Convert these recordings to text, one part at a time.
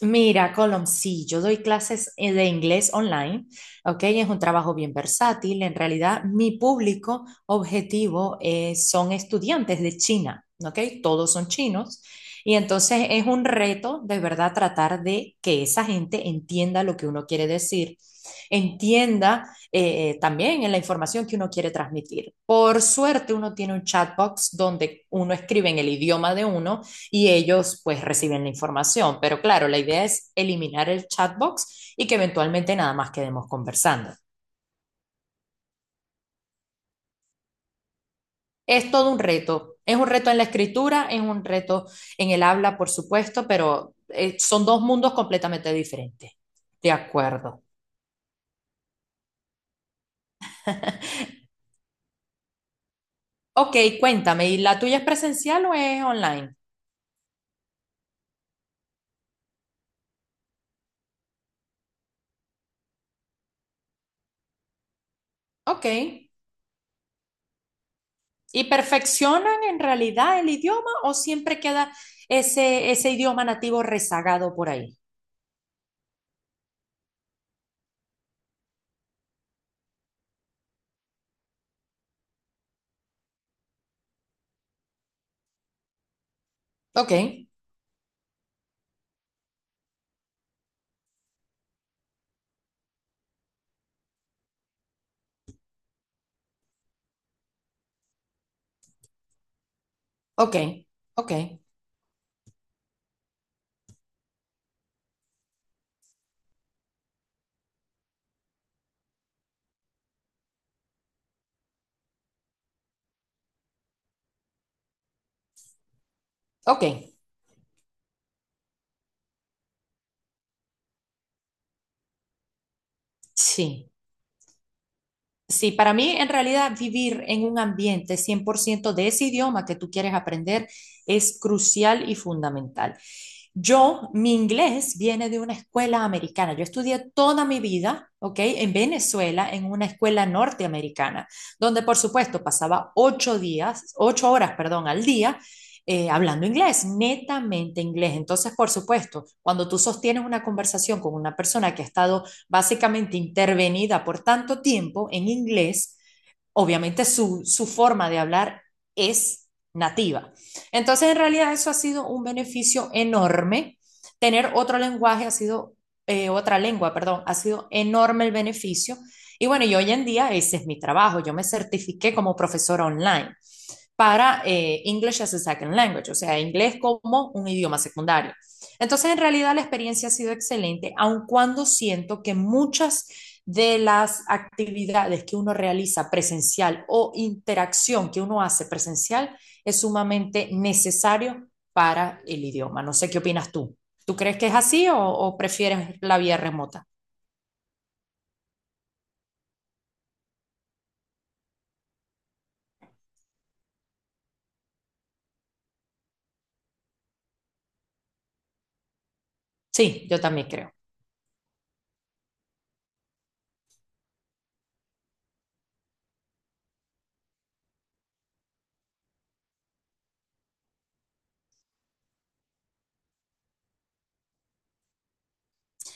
Mira, Colom, sí, yo doy clases de inglés online, ¿ok? Es un trabajo bien versátil. En realidad, mi público objetivo son estudiantes de China, ¿ok? Todos son chinos. Y entonces es un reto de verdad tratar de que esa gente entienda lo que uno quiere decir, entienda también en la información que uno quiere transmitir. Por suerte, uno tiene un chatbox donde uno escribe en el idioma de uno y ellos pues reciben la información. Pero claro, la idea es eliminar el chatbox y que eventualmente nada más quedemos conversando. Es todo un reto, es un reto en la escritura, es un reto en el habla, por supuesto, pero son dos mundos completamente diferentes. De acuerdo. Ok, cuéntame, ¿y la tuya es presencial o es online? Ok. ¿Y perfeccionan en realidad el idioma o siempre queda ese idioma nativo rezagado por ahí? Ok, ok, ok. Ok, sí. Sí, para mí en realidad vivir en un ambiente 100% de ese idioma que tú quieres aprender es crucial y fundamental. Yo, mi inglés viene de una escuela americana. Yo estudié toda mi vida, ¿ok? En Venezuela, en una escuela norteamericana, donde por supuesto pasaba 8 días, 8 horas, perdón, al día hablando inglés, netamente inglés. Entonces, por supuesto, cuando tú sostienes una conversación con una persona que ha estado básicamente intervenida por tanto tiempo en inglés, obviamente su forma de hablar es nativa. Entonces, en realidad eso ha sido un beneficio enorme. Tener otro lenguaje ha sido, otra lengua, perdón, ha sido enorme el beneficio. Y bueno, y hoy en día ese es mi trabajo. Yo me certifiqué como profesora online para English as a Second Language, o sea, inglés como un idioma secundario. Entonces, en realidad la experiencia ha sido excelente, aun cuando siento que muchas de las actividades que uno realiza presencial o interacción que uno hace presencial es sumamente necesario para el idioma. No sé qué opinas tú. ¿Tú crees que es así o prefieres la vía remota? Sí, yo también creo.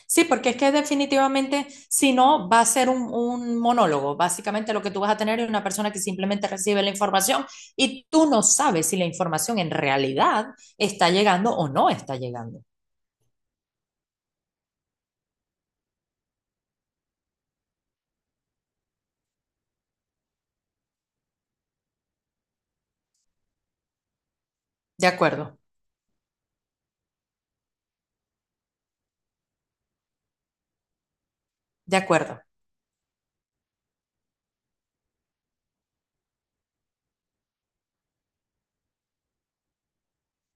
Sí, porque es que definitivamente, si no, va a ser un monólogo. Básicamente lo que tú vas a tener es una persona que simplemente recibe la información y tú no sabes si la información en realidad está llegando o no está llegando. De acuerdo, de acuerdo.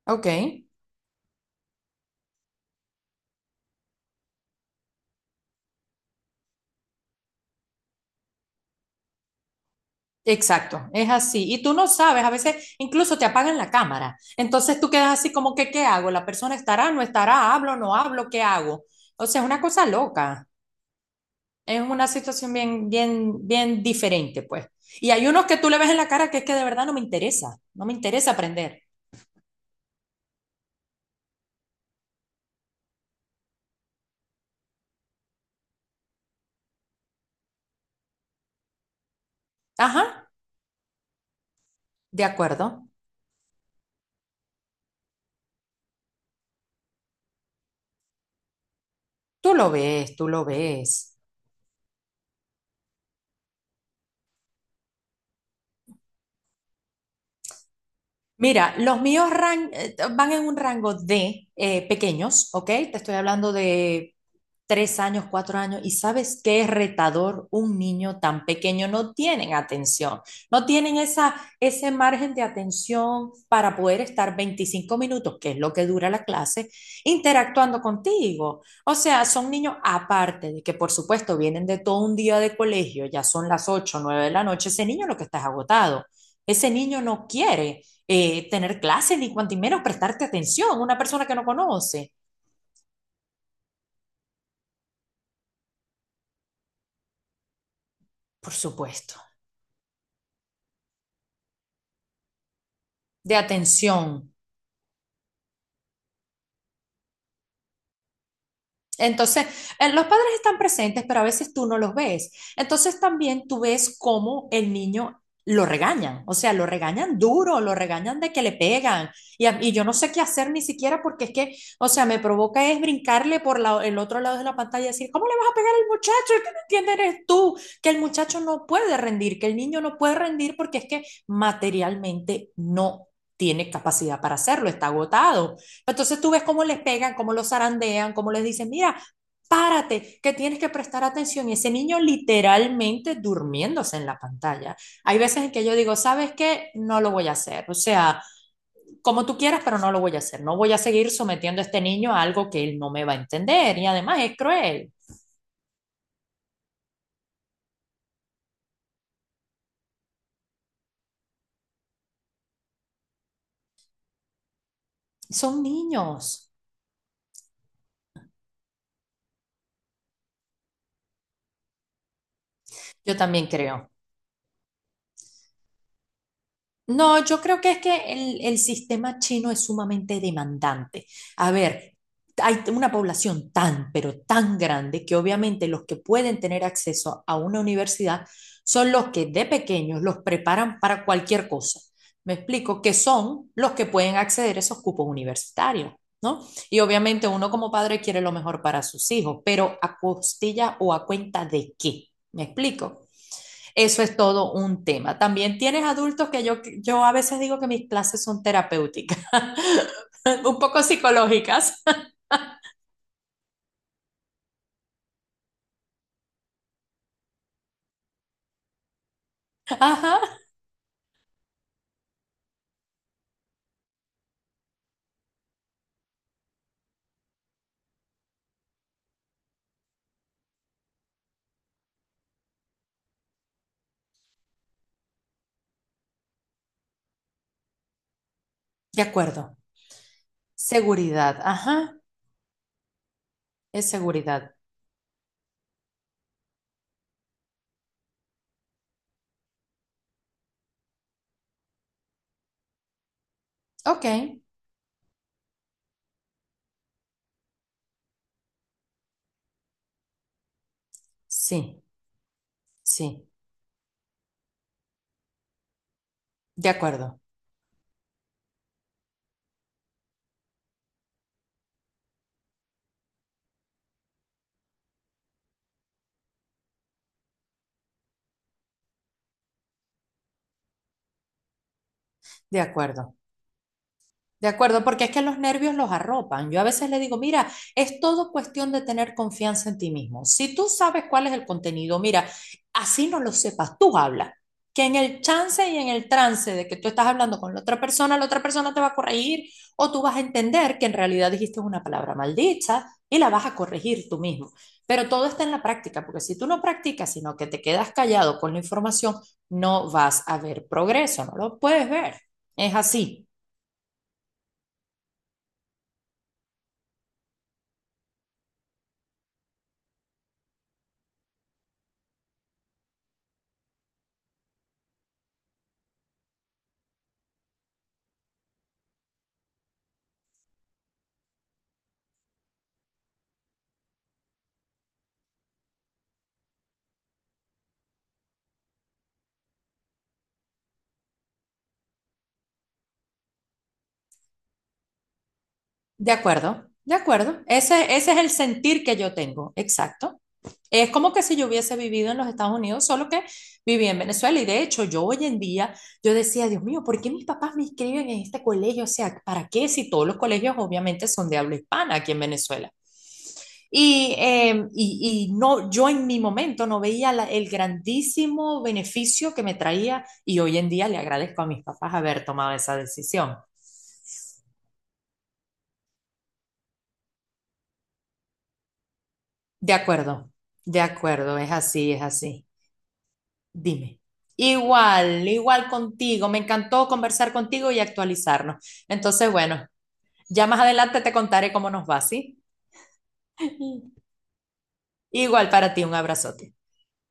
Ok, exacto, es así. Y tú no sabes, a veces incluso te apagan la cámara. Entonces tú quedas así como que, ¿qué hago? ¿La persona estará, no estará? ¿Hablo, no hablo? ¿Qué hago? O sea, es una cosa loca. Es una situación bien, bien, bien diferente, pues. Y hay unos que tú le ves en la cara que es que de verdad no me interesa, no me interesa aprender. Ajá, de acuerdo. Tú lo ves, tú lo ves. Mira, van en un rango de pequeños, ¿ok? Te estoy hablando de 3 años, 4 años, y sabes qué es retador un niño tan pequeño, no tienen atención, no tienen esa, ese margen de atención para poder estar 25 minutos, que es lo que dura la clase, interactuando contigo. O sea, son niños aparte de que, por supuesto, vienen de todo un día de colegio, ya son las 8, 9 de la noche, ese niño lo que está es agotado, ese niño no quiere tener clases ni cuanto menos prestarte atención, una persona que no conoce, por supuesto. De atención. Entonces, los padres están presentes, pero a veces tú no los ves. Entonces también tú ves cómo el niño lo regañan, o sea, lo regañan duro, lo regañan de que le pegan. Y yo no sé qué hacer ni siquiera porque es que, o sea, me provoca es brincarle por el otro lado de la pantalla y decir, ¿cómo le vas a pegar al muchacho? ¿Qué no entiendes eres tú? Que el muchacho no puede rendir, que el niño no puede rendir porque es que materialmente no tiene capacidad para hacerlo, está agotado. Entonces tú ves cómo les pegan, cómo los zarandean, cómo les dicen, mira, párate, que tienes que prestar atención. Y ese niño literalmente durmiéndose en la pantalla. Hay veces en que yo digo, ¿sabes qué? No lo voy a hacer. O sea, como tú quieras, pero no lo voy a hacer. No voy a seguir sometiendo a este niño a algo que él no me va a entender. Y además es cruel. Son niños. Yo también creo. No, yo creo que es que el sistema chino es sumamente demandante. A ver, hay una población tan, pero tan grande que obviamente los que pueden tener acceso a una universidad son los que de pequeños los preparan para cualquier cosa. Me explico, que son los que pueden acceder a esos cupos universitarios, ¿no? Y obviamente uno como padre quiere lo mejor para sus hijos, pero a costilla o a cuenta de qué, ¿me explico? Eso es todo un tema. También tienes adultos que yo a veces digo que mis clases son terapéuticas, un poco psicológicas. Ajá, de acuerdo. Seguridad, ajá, es seguridad. Ok, sí, sí, de acuerdo, de acuerdo. De acuerdo, porque es que los nervios los arropan. Yo a veces le digo, mira, es todo cuestión de tener confianza en ti mismo. Si tú sabes cuál es el contenido, mira, así no lo sepas, tú habla. Que en el chance y en el trance de que tú estás hablando con la otra persona te va a corregir o tú vas a entender que en realidad dijiste una palabra maldicha y la vas a corregir tú mismo. Pero todo está en la práctica, porque si tú no practicas, sino que te quedas callado con la información, no vas a ver progreso, no lo puedes ver. Es así. De acuerdo, de acuerdo. Ese es el sentir que yo tengo, exacto. Es como que si yo hubiese vivido en los Estados Unidos, solo que viví en Venezuela. Y de hecho, yo hoy en día, yo decía, Dios mío, ¿por qué mis papás me inscriben en este colegio? O sea, ¿para qué? Si todos los colegios obviamente son de habla hispana aquí en Venezuela. Y no, yo en mi momento no veía el grandísimo beneficio que me traía y hoy en día le agradezco a mis papás haber tomado esa decisión. De acuerdo, de acuerdo, es así, es así. Dime. Igual, igual contigo. Me encantó conversar contigo y actualizarnos. Entonces, bueno, ya más adelante te contaré cómo nos va, ¿sí? Igual para ti, un abrazote.